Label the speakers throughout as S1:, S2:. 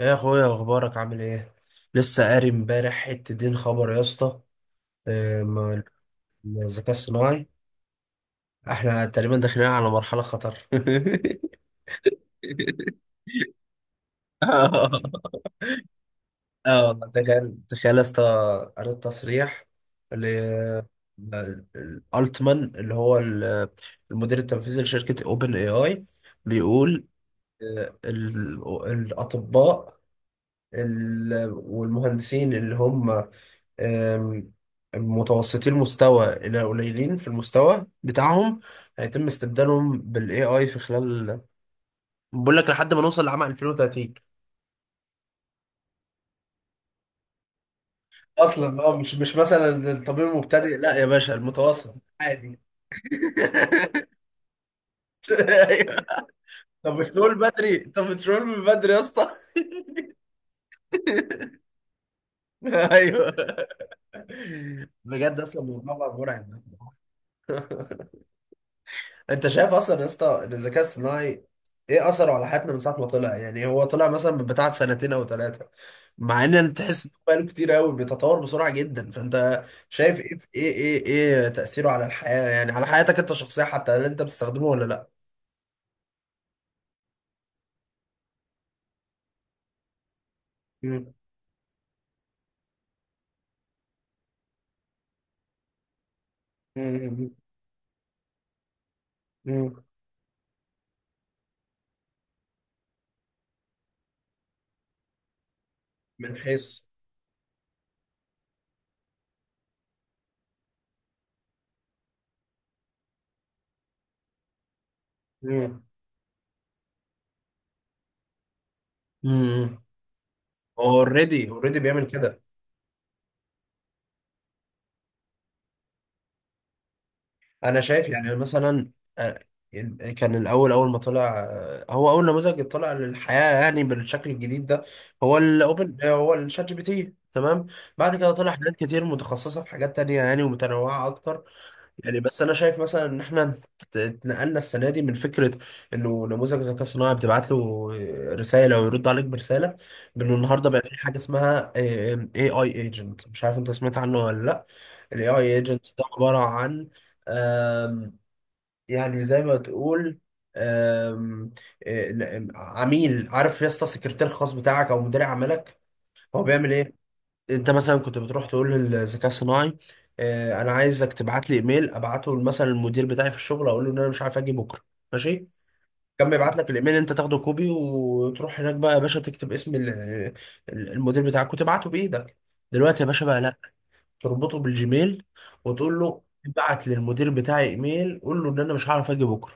S1: يا اخويا، اخبارك عامل ايه؟ لسه قاري امبارح حته دين خبر يا اسطى. آه، ما- ما الذكاء الصناعي، احنا تقريبا داخلين على مرحله خطر. اه. والله تخيل تخيل يا اسطى، قريت تصريح ل التمان اللي هو المدير التنفيذي لشركه اوبن اي اي، بيقول، آه، ال- الاطباء والمهندسين اللي هم، آم، متوسطي المستوى إلى قليلين في المستوى بتاعهم، هيتم استبدالهم بال AI في خلال، بقول لك لحد ما نوصل لعام 2030. اصلا اه مش مثلا الطبيب المبتدئ، لا يا باشا المتوسط. عادي. ايوه. طب بترول من بدري يا اسطى. ايوه. بجد اصلا الموضوع بقى مرعب. انت شايف اصلا يا اسطى ان الذكاء الصناعي، ايه اثره على حياتنا من ساعه ما طلع؟ يعني هو طلع مثلا من بتاع سنتين او ثلاثه، مع ان انت تحس انه بقاله كتير قوي بيتطور بسرعه جدا. فانت شايف ايه في- ايه ايه ايه تاثيره على الحياه؟ يعني على حياتك انت الشخصيه حتى، هل انت بتستخدمه ولا لا؟ مم. مم. مم. من حيث. مم. امم. هو اوريدي بيعمل كده. انا شايف يعني مثلا، آه، كان اول ما طلع، هو اول نموذج طلع للحياه يعني بالشكل الجديد ده، هو الاوبن آه، هو الشات جي بي تي، تمام. بعد كده طلع حاجات كتير متخصصه في حاجات تانية، يعني ومتنوعه اكتر. يعني بس انا شايف مثلا ان احنا اتنقلنا السنه دي من فكره انه نموذج ذكاء صناعي بتبعت له رساله ويرد عليك برساله، بانه النهارده بقى في حاجه اسمها اي ايجنت. مش عارف انت سمعت عنه ولا لا؟ الاي اي ايجنت ده عباره عن، آم، يعني زي ما تقول، آم، آه، عميل. عارف يا اسطى، سكرتير خاص بتاعك او مدير عملك. هو بيعمل ايه؟ انت مثلا كنت بتروح تقول للذكاء الصناعي: اه، انا عايزك تبعت لي ايميل، ابعته مثلا المدير بتاعي في الشغل، اقول له ان انا مش عارف اجي بكره، ماشي. كان بيبعت لك الايميل، انت تاخده كوبي وتروح هناك بقى يا باشا تكتب اسم المدير بتاعك وتبعته بايدك. دلوقتي يا باشا بقى لا، تربطه بالجيميل وتقول له: ابعت للمدير بتاعي ايميل، قول له ان انا مش هعرف اجي بكره.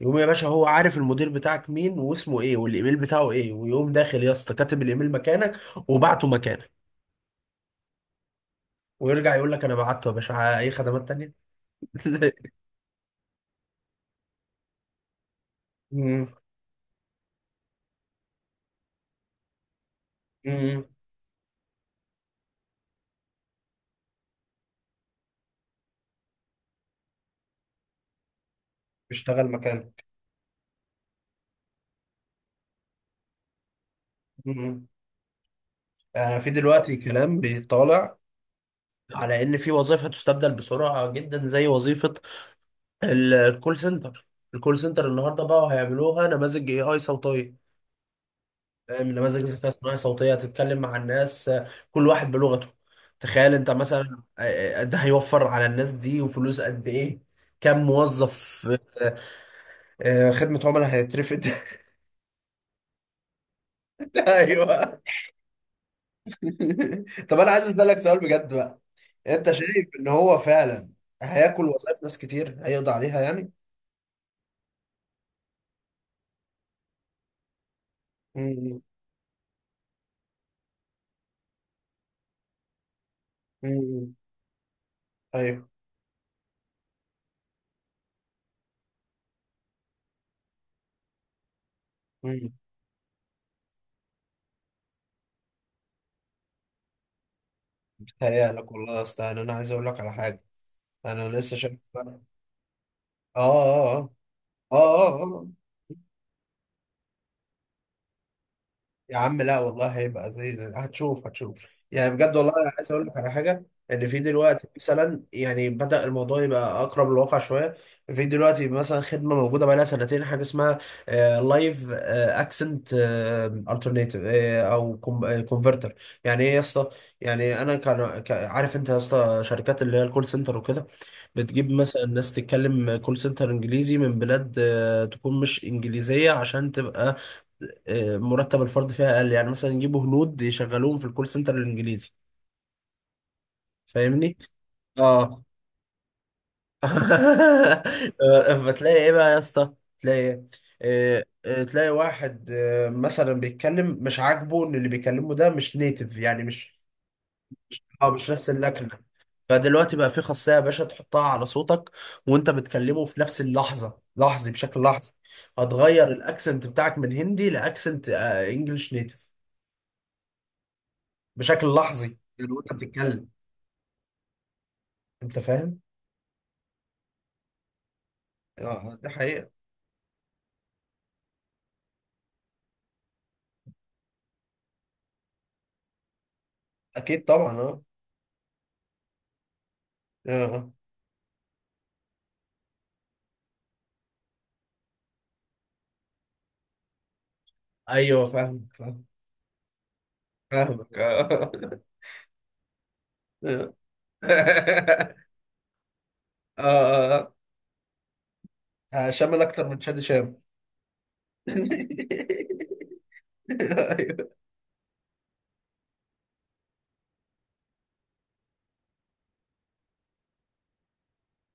S1: يقوم يا باشا، هو عارف المدير بتاعك مين، واسمه ايه، والايميل بتاعه ايه، ويقوم داخل يا اسطى كاتب الايميل مكانك وبعته مكانك، ويرجع يقول لك: انا بعته يا باشا، اي خدمات تانية؟ مم. مم. اشتغل مكانه. مم. في دلوقتي كلام بيطالع على ان في وظائف هتستبدل بسرعة جدا، زي وظيفة الكول سنتر. الكول سنتر النهارده بقى هيعملوها نماذج اي اي صوتية. فاهم؟ نماذج ذكاء اصطناعي صوتية هتتكلم مع الناس، كل واحد بلغته. تخيل انت مثلا، ده هيوفر على الناس دي وفلوس قد ايه. كم موظف خدمة عملاء هيترفد. ايوه. طب انا عايز اسالك سؤال بجد بقى، انت شايف ان هو فعلا هياكل وظائف ناس كتير، هيقضي عليها يعني؟ امم. امم. ايوه. امم. هيالك والله يا اسطى، يعني انا عايز اقول لك على حاجه. انا لسه شايف اه. اه اه. اه اه آه. يا عم لا والله هيبقى زي، هتشوف هتشوف. يعني بجد والله انا عايز اقول لك على حاجه، ان في دلوقتي مثلا يعني بدأ الموضوع يبقى اقرب للواقع شويه. في دلوقتي مثلا خدمه موجوده بقى لها سنتين، حاجه اسمها لايف اكسنت الترناتيف، او كونفرتر. يعني ايه يا اسطى؟ يعني انا كان عارف انت يا اسطى شركات اللي هي الكول سنتر وكده بتجيب مثلا ناس تتكلم كول سنتر انجليزي من بلاد، تكون مش انجليزيه، عشان تبقى مرتب الفرد فيها اقل، يعني مثلا يجيبوا هنود يشغلوهم في الكول سنتر الانجليزي. فاهمني؟ اه. فتلاقي ايه بقى يا اسطى، تلاقي إيه؟ تلاقي واحد مثلا بيتكلم، مش عاجبه ان اللي بيكلمه ده مش نيتف، يعني مش، اه مش نفس اللكنه. فدلوقتي بقى في خاصية يا باشا تحطها على صوتك، وانت بتكلمه في نفس اللحظة لحظي، بشكل لحظي، هتغير الاكسنت بتاعك من هندي لاكسنت انجلش نيتف، بشكل لحظي يعني وانت بتتكلم. انت فاهم؟ اه، دي حقيقة. اكيد طبعا اه. آه. ايوه فاهم فاهم. فاهمك اه. اه. اه. آه. شامل اكتر من شادي شام. ايوه.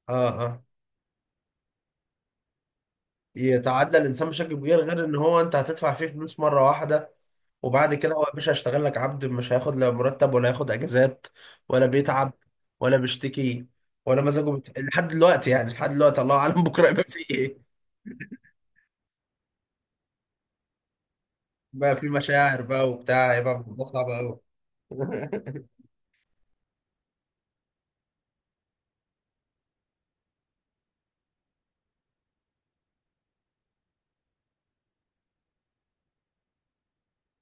S1: اه. اه. يتعدى الانسان بشكل كبير، غير ان هو انت هتدفع فيه فلوس مره واحده، وبعد كده هو يا باشا هيشتغل لك عبد. مش هياخد لا مرتب ولا هياخد اجازات، ولا بيتعب، ولا بيشتكي، ولا مزاجه لحد دلوقتي يعني، لحد دلوقتي. الله اعلم بكره يبقى فيه ايه، بقى في مشاعر بقى وبتاع، يبقى الموضوع صعب قوي.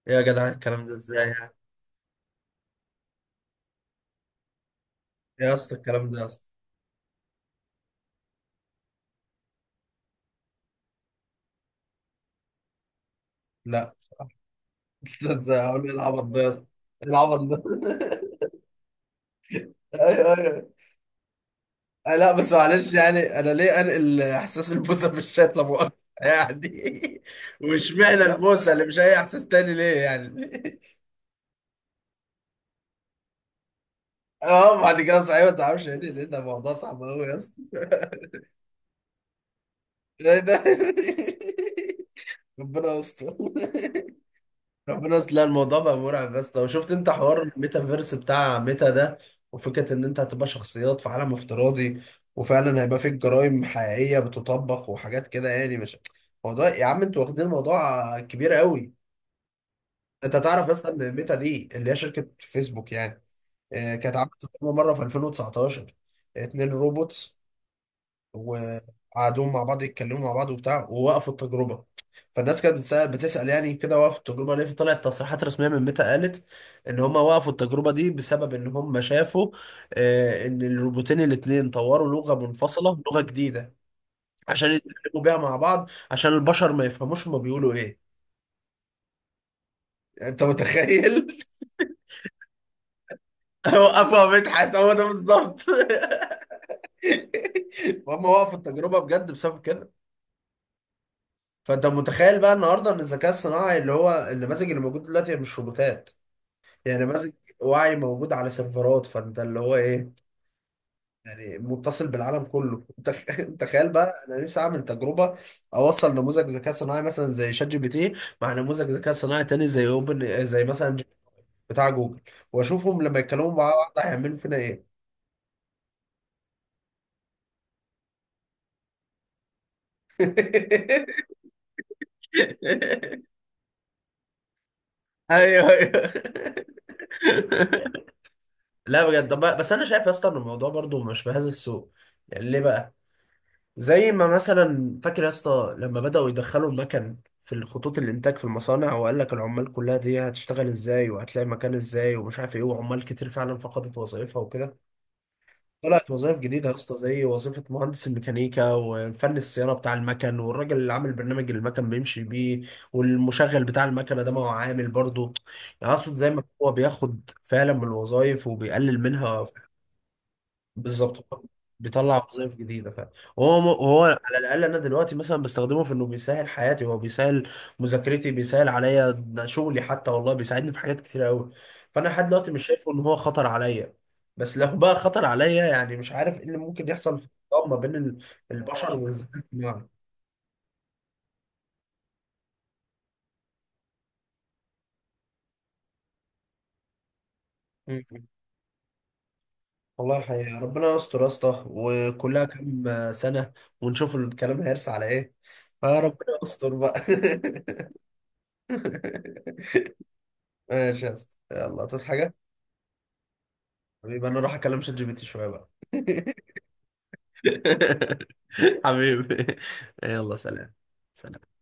S1: يا جدع الكلام ده ازاي يعني؟ يا اسطى الكلام ده يا اسطى. لا. ده ازاي، هقول ايه العبط ده يا اسطى؟ إيه العبط ده؟ ايوه ايوه. لا بس معلش يعني، انا ليه انقل احساس البوسه في الشات، لا مؤاخذة؟ يعني واشمعنى البوسه اللي مش اي احساس تاني ليه يعني؟ اه بعد كده صحيح ما تعرفش يعني ليه، ده موضوع صعب قوي يا اسطى. ايه ده؟ ربنا يستر. ربنا يستر. لا الموضوع بقى مرعب، بس لو شفت انت حوار الميتافيرس بتاع ميتا ده، وفكرة ان انت هتبقى شخصيات في عالم افتراضي، وفعلا هيبقى فيك جرائم حقيقية بتطبق وحاجات كده، يعني مش موضوع. يا عم انتوا واخدين الموضوع كبير قوي. انت تعرف اصلا ان ميتا دي اللي هي شركة فيسبوك يعني، اه، كانت عملت تجربة مرة في 2019، اتنين روبوتس، وقعدوا مع بعض يتكلموا مع بعض وبتاع، ووقفوا التجربه. فالناس كانت بتسأل يعني كده وقفوا التجربه ليه؟ فطلعت تصريحات رسميه من ميتا، قالت ان هم وقفوا التجربه دي بسبب ان هم شافوا ان الروبوتين الاتنين طوروا لغه منفصله، لغه جديده، عشان يتكلموا بيها مع بعض، عشان البشر ما يفهموش هما بيقولوا ايه. انت متخيل؟ وقفوا يا مدحت، هو ده بالظبط. هم وقفوا التجربه بجد بسبب كده. فانت متخيل بقى النهارده ان الذكاء الصناعي، اللي هو النماذج اللي موجود دلوقتي، هي مش روبوتات، يعني نماذج وعي موجود على سيرفرات، فانت اللي هو ايه، يعني متصل بالعالم كله. تخيل بقى، انا نفسي اعمل تجربه، اوصل نموذج ذكاء صناعي مثلا زي شات جي بي تي مع نموذج ذكاء صناعي تاني، زي اوبن زي مثلا ج- بتاع جوجل، واشوفهم لما يتكلموا مع بعض هيعملوا فينا ايه. ايوه ايوه. لا بجد. طب بس انا شايف يا اسطى ان الموضوع برضو مش بهذا السوء. يعني ليه بقى؟ زي ما مثلا فاكر يا اسطى لما بدأوا يدخلوا المكن في الخطوط الانتاج في المصانع، وقال لك العمال كلها دي هتشتغل ازاي وهتلاقي مكان ازاي ومش عارف ايه، وعمال كتير فعلا فقدت وظائفها وكده. طلعت وظائف جديدة يا اسطى، زي وظيفة مهندس الميكانيكا، وفن الصيانة بتاع المكن، والراجل اللي عامل برنامج المكن بيمشي بيه، والمشغل بتاع المكنة ده. ما هو عامل برضه، يعني اقصد زي ما هو بياخد فعلا من الوظائف وبيقلل منها، بالظبط، بيطلع وظائف جديده فعلا. وهو على الاقل انا دلوقتي مثلا بستخدمه في انه بيسهل حياتي، هو بيسهل مذاكرتي، بيسهل عليا ده شغلي حتى والله، بيساعدني في حاجات كتير قوي. فانا لحد دلوقتي مش شايفه ان هو خطر عليا. بس لو بقى خطر عليا، يعني مش عارف ايه اللي ممكن يحصل في الطاقه ما بين البشر والذكاء الاصطناعي. مم. والله حقيقة ربنا يستر يا اسطى، وكلها كام سنة ونشوف الكلام هيرسى على ايه. فربنا يستر بقى. ماشي يا اسطى، يلا تصحى حاجة؟ حبيبي انا اروح اكلم شات جي بي تي شوية بقى. حبيبي. يلا سلام. سلام.